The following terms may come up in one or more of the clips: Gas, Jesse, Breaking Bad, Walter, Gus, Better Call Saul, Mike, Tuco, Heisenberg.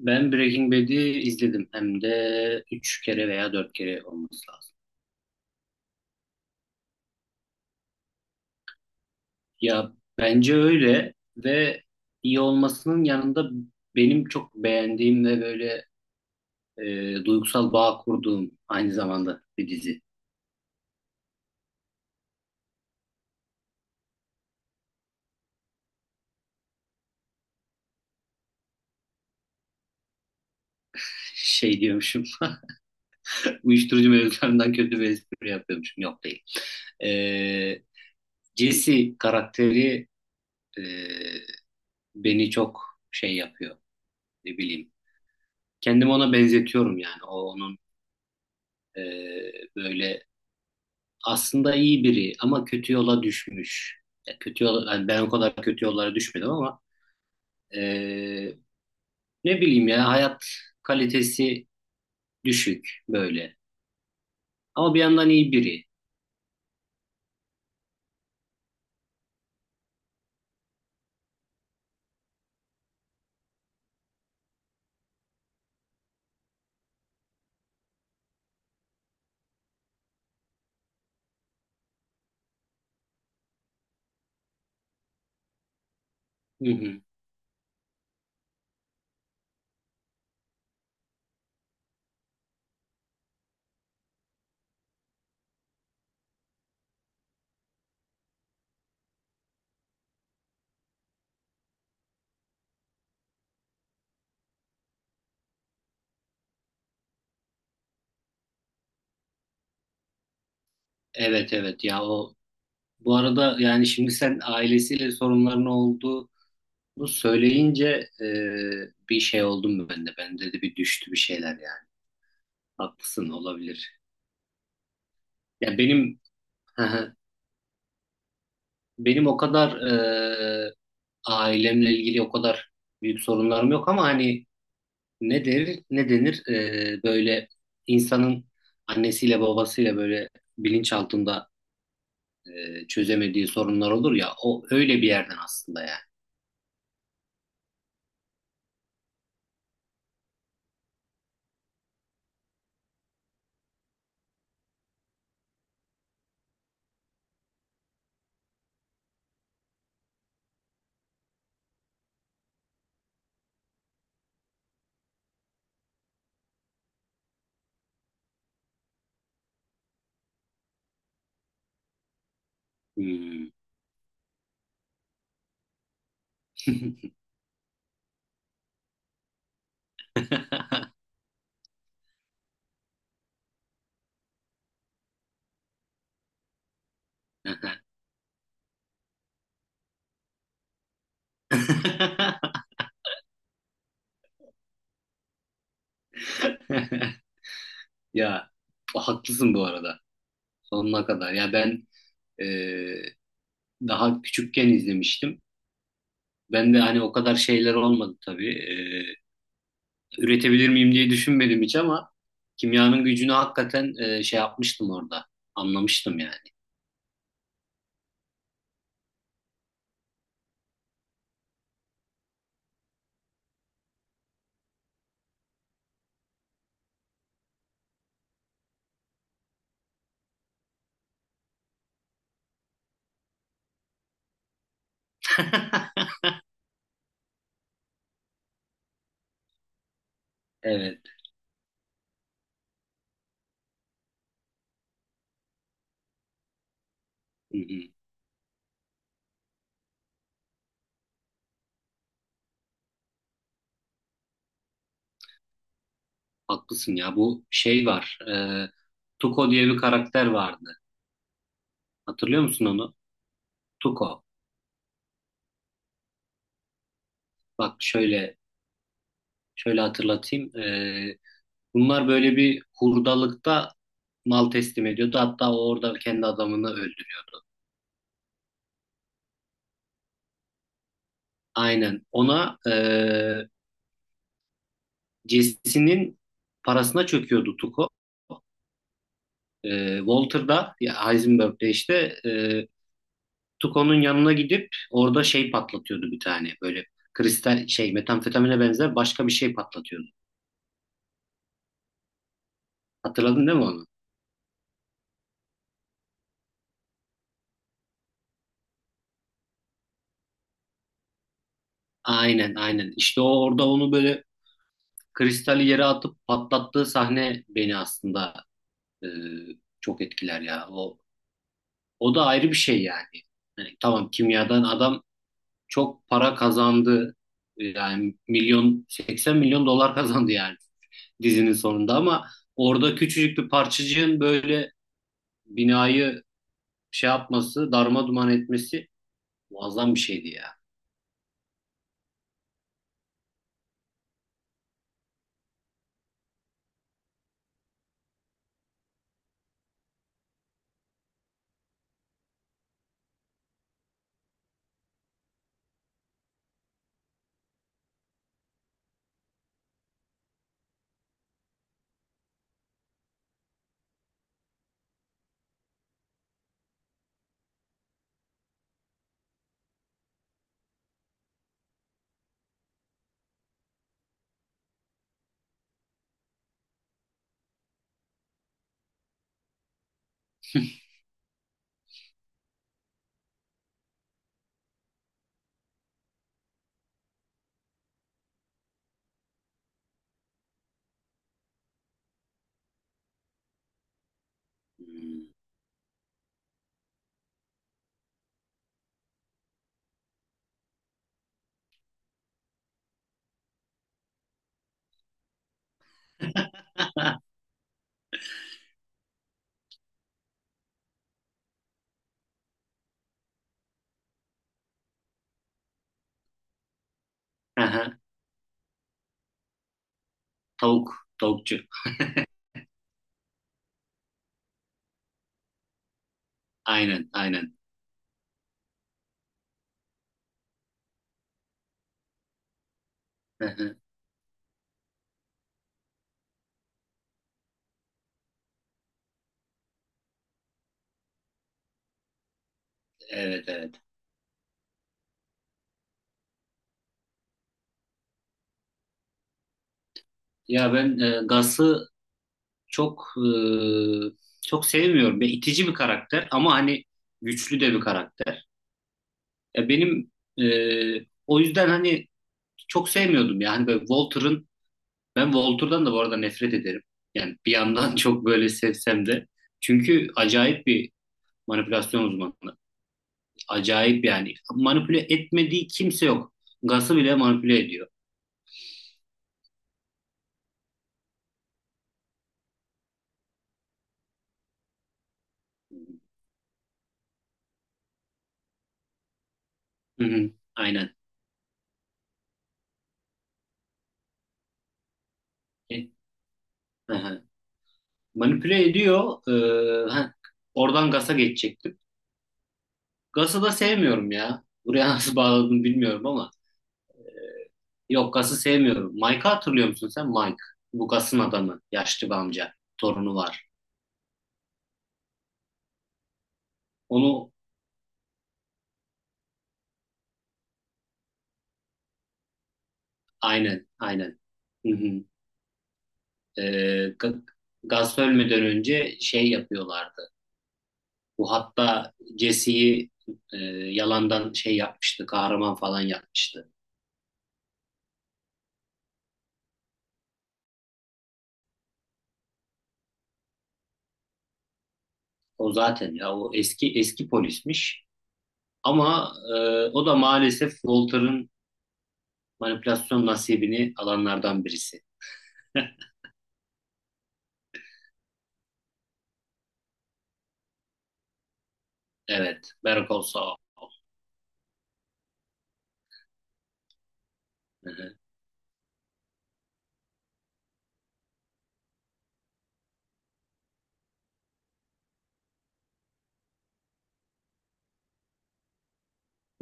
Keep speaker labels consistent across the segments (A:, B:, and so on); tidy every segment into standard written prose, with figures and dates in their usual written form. A: Ben Breaking Bad'i izledim. Hem de 3 kere veya 4 kere olması lazım. Ya bence öyle ve iyi olmasının yanında benim çok beğendiğim ve böyle duygusal bağ kurduğum aynı zamanda bir dizi. Şey diyormuşum. Uyuşturucu mevzularından kötü bir espri yapıyormuşum. Yok değil. E, Jesse karakteri e, beni çok şey yapıyor. Ne bileyim. Kendimi ona benzetiyorum yani. O onun e, böyle aslında iyi biri ama kötü yola düşmüş. Ya kötü yola yani ben o kadar kötü yollara düşmedim ama e, ne bileyim ya hayat kalitesi düşük böyle. Ama bir yandan iyi biri. Hı hı. Evet evet ya o bu arada yani şimdi sen ailesiyle sorunların olduğunu söyleyince bir şey oldum ben de. Ben de bir düştü bir şeyler yani. Haklısın olabilir. Ya benim benim o kadar e, ailemle ilgili o kadar büyük sorunlarım yok ama hani ne der ne denir böyle insanın annesiyle babasıyla böyle bilinç altında çözemediği sorunlar olur ya o öyle bir yerden aslında yani. Hmm. Ya haklısın bu arada. Sonuna kadar. Ya ben e, daha küçükken izlemiştim. Ben de hani o kadar şeyler olmadı tabii. Üretebilir miyim diye düşünmedim hiç ama kimyanın gücünü hakikaten şey yapmıştım orada. Anlamıştım yani. Evet. Hı hı. Haklısın ya. Bu şey var. Tuko diye bir karakter vardı. Hatırlıyor musun onu? Tuko. Bak şöyle hatırlatayım. Bunlar böyle bir hurdalıkta mal teslim ediyordu. Hatta o orada kendi adamını öldürüyordu. Aynen. Ona Jesse'nin parasına çöküyordu Tuko. Walter'da ya Heisenberg'de işte e, Tuco'nun yanına gidip orada şey patlatıyordu bir tane böyle kristal şey metamfetamine benzer başka bir şey patlatıyordu. Hatırladın değil mi onu? Aynen aynen. İşte o orada onu böyle kristali yere atıp patlattığı sahne beni aslında e, çok etkiler ya. O da ayrı bir şey yani. Yani tamam kimyadan adam çok para kazandı. Yani 80 milyon dolar kazandı yani dizinin sonunda ama orada küçücük bir parçacığın böyle binayı şey yapması, darma duman etmesi muazzam bir şeydi ya. Aha, tavukçu. Aynen, aynen. Evet, evet. Ya ben Gas'ı çok e, çok sevmiyorum. Ve itici bir karakter ama hani güçlü de bir karakter. Ya benim o yüzden hani çok sevmiyordum yani böyle ben Walter'dan da bu arada nefret ederim. Yani bir yandan çok böyle sevsem de çünkü acayip bir manipülasyon uzmanı. Acayip yani manipüle etmediği kimse yok. Gas'ı bile manipüle ediyor. Hı hı, aynen. E, hı hı. Manipüle ediyor. Oradan Gas'a geçecektim. Gas'ı da sevmiyorum ya. Buraya nasıl bağladım bilmiyorum ama. Yok Gas'ı sevmiyorum. Mike'ı hatırlıyor musun sen? Mike. Bu Gas'ın adamı. Yaşlı bir amca. Torunu var. Onu Aynen, aynen. Hı hı. Ee, Ga- Gus ölmeden önce şey yapıyorlardı. Bu hatta Jesse'yi e, yalandan şey yapmıştı, kahraman falan yapmıştı. O zaten ya o eski eski polismiş. Ama o da maalesef Walter'ın manipülasyon nasibini alanlardan birisi. Evet, Better Call Saul. Hı hı.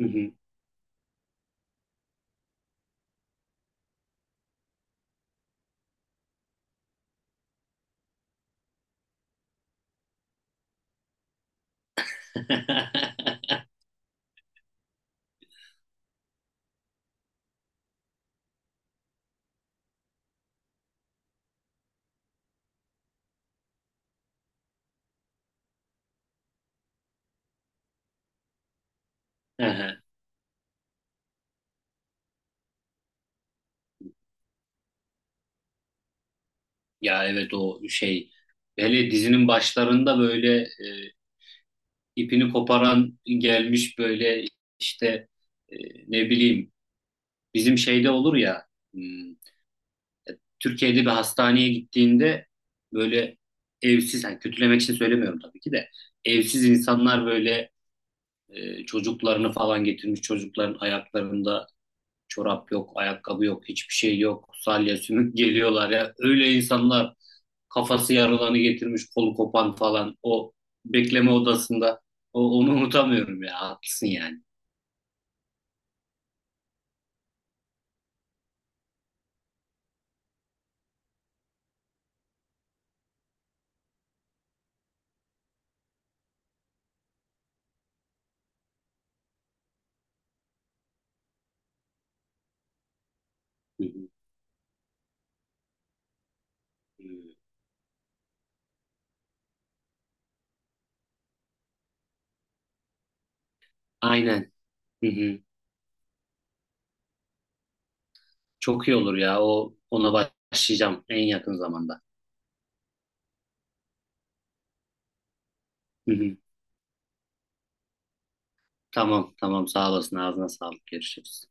A: Hı hı. Hı hı. Ya evet o şey hele dizinin başlarında böyle ipini koparan gelmiş böyle işte e, ne bileyim bizim şeyde olur ya hmm, Türkiye'de bir hastaneye gittiğinde böyle evsiz yani kötülemek için söylemiyorum tabii ki de evsiz insanlar böyle çocuklarını falan getirmiş çocukların ayaklarında çorap yok ayakkabı yok hiçbir şey yok salya sümük geliyorlar ya öyle insanlar kafası yarılanı getirmiş kolu kopan falan o bekleme odasında onu unutamıyorum ya haklısın yani. Hı hı. Aynen. Hı hı. Çok iyi olur ya. Ona başlayacağım en yakın zamanda. Hı hı. Tamam, tamam. Sağ olasın. Ağzına sağlık. Görüşürüz.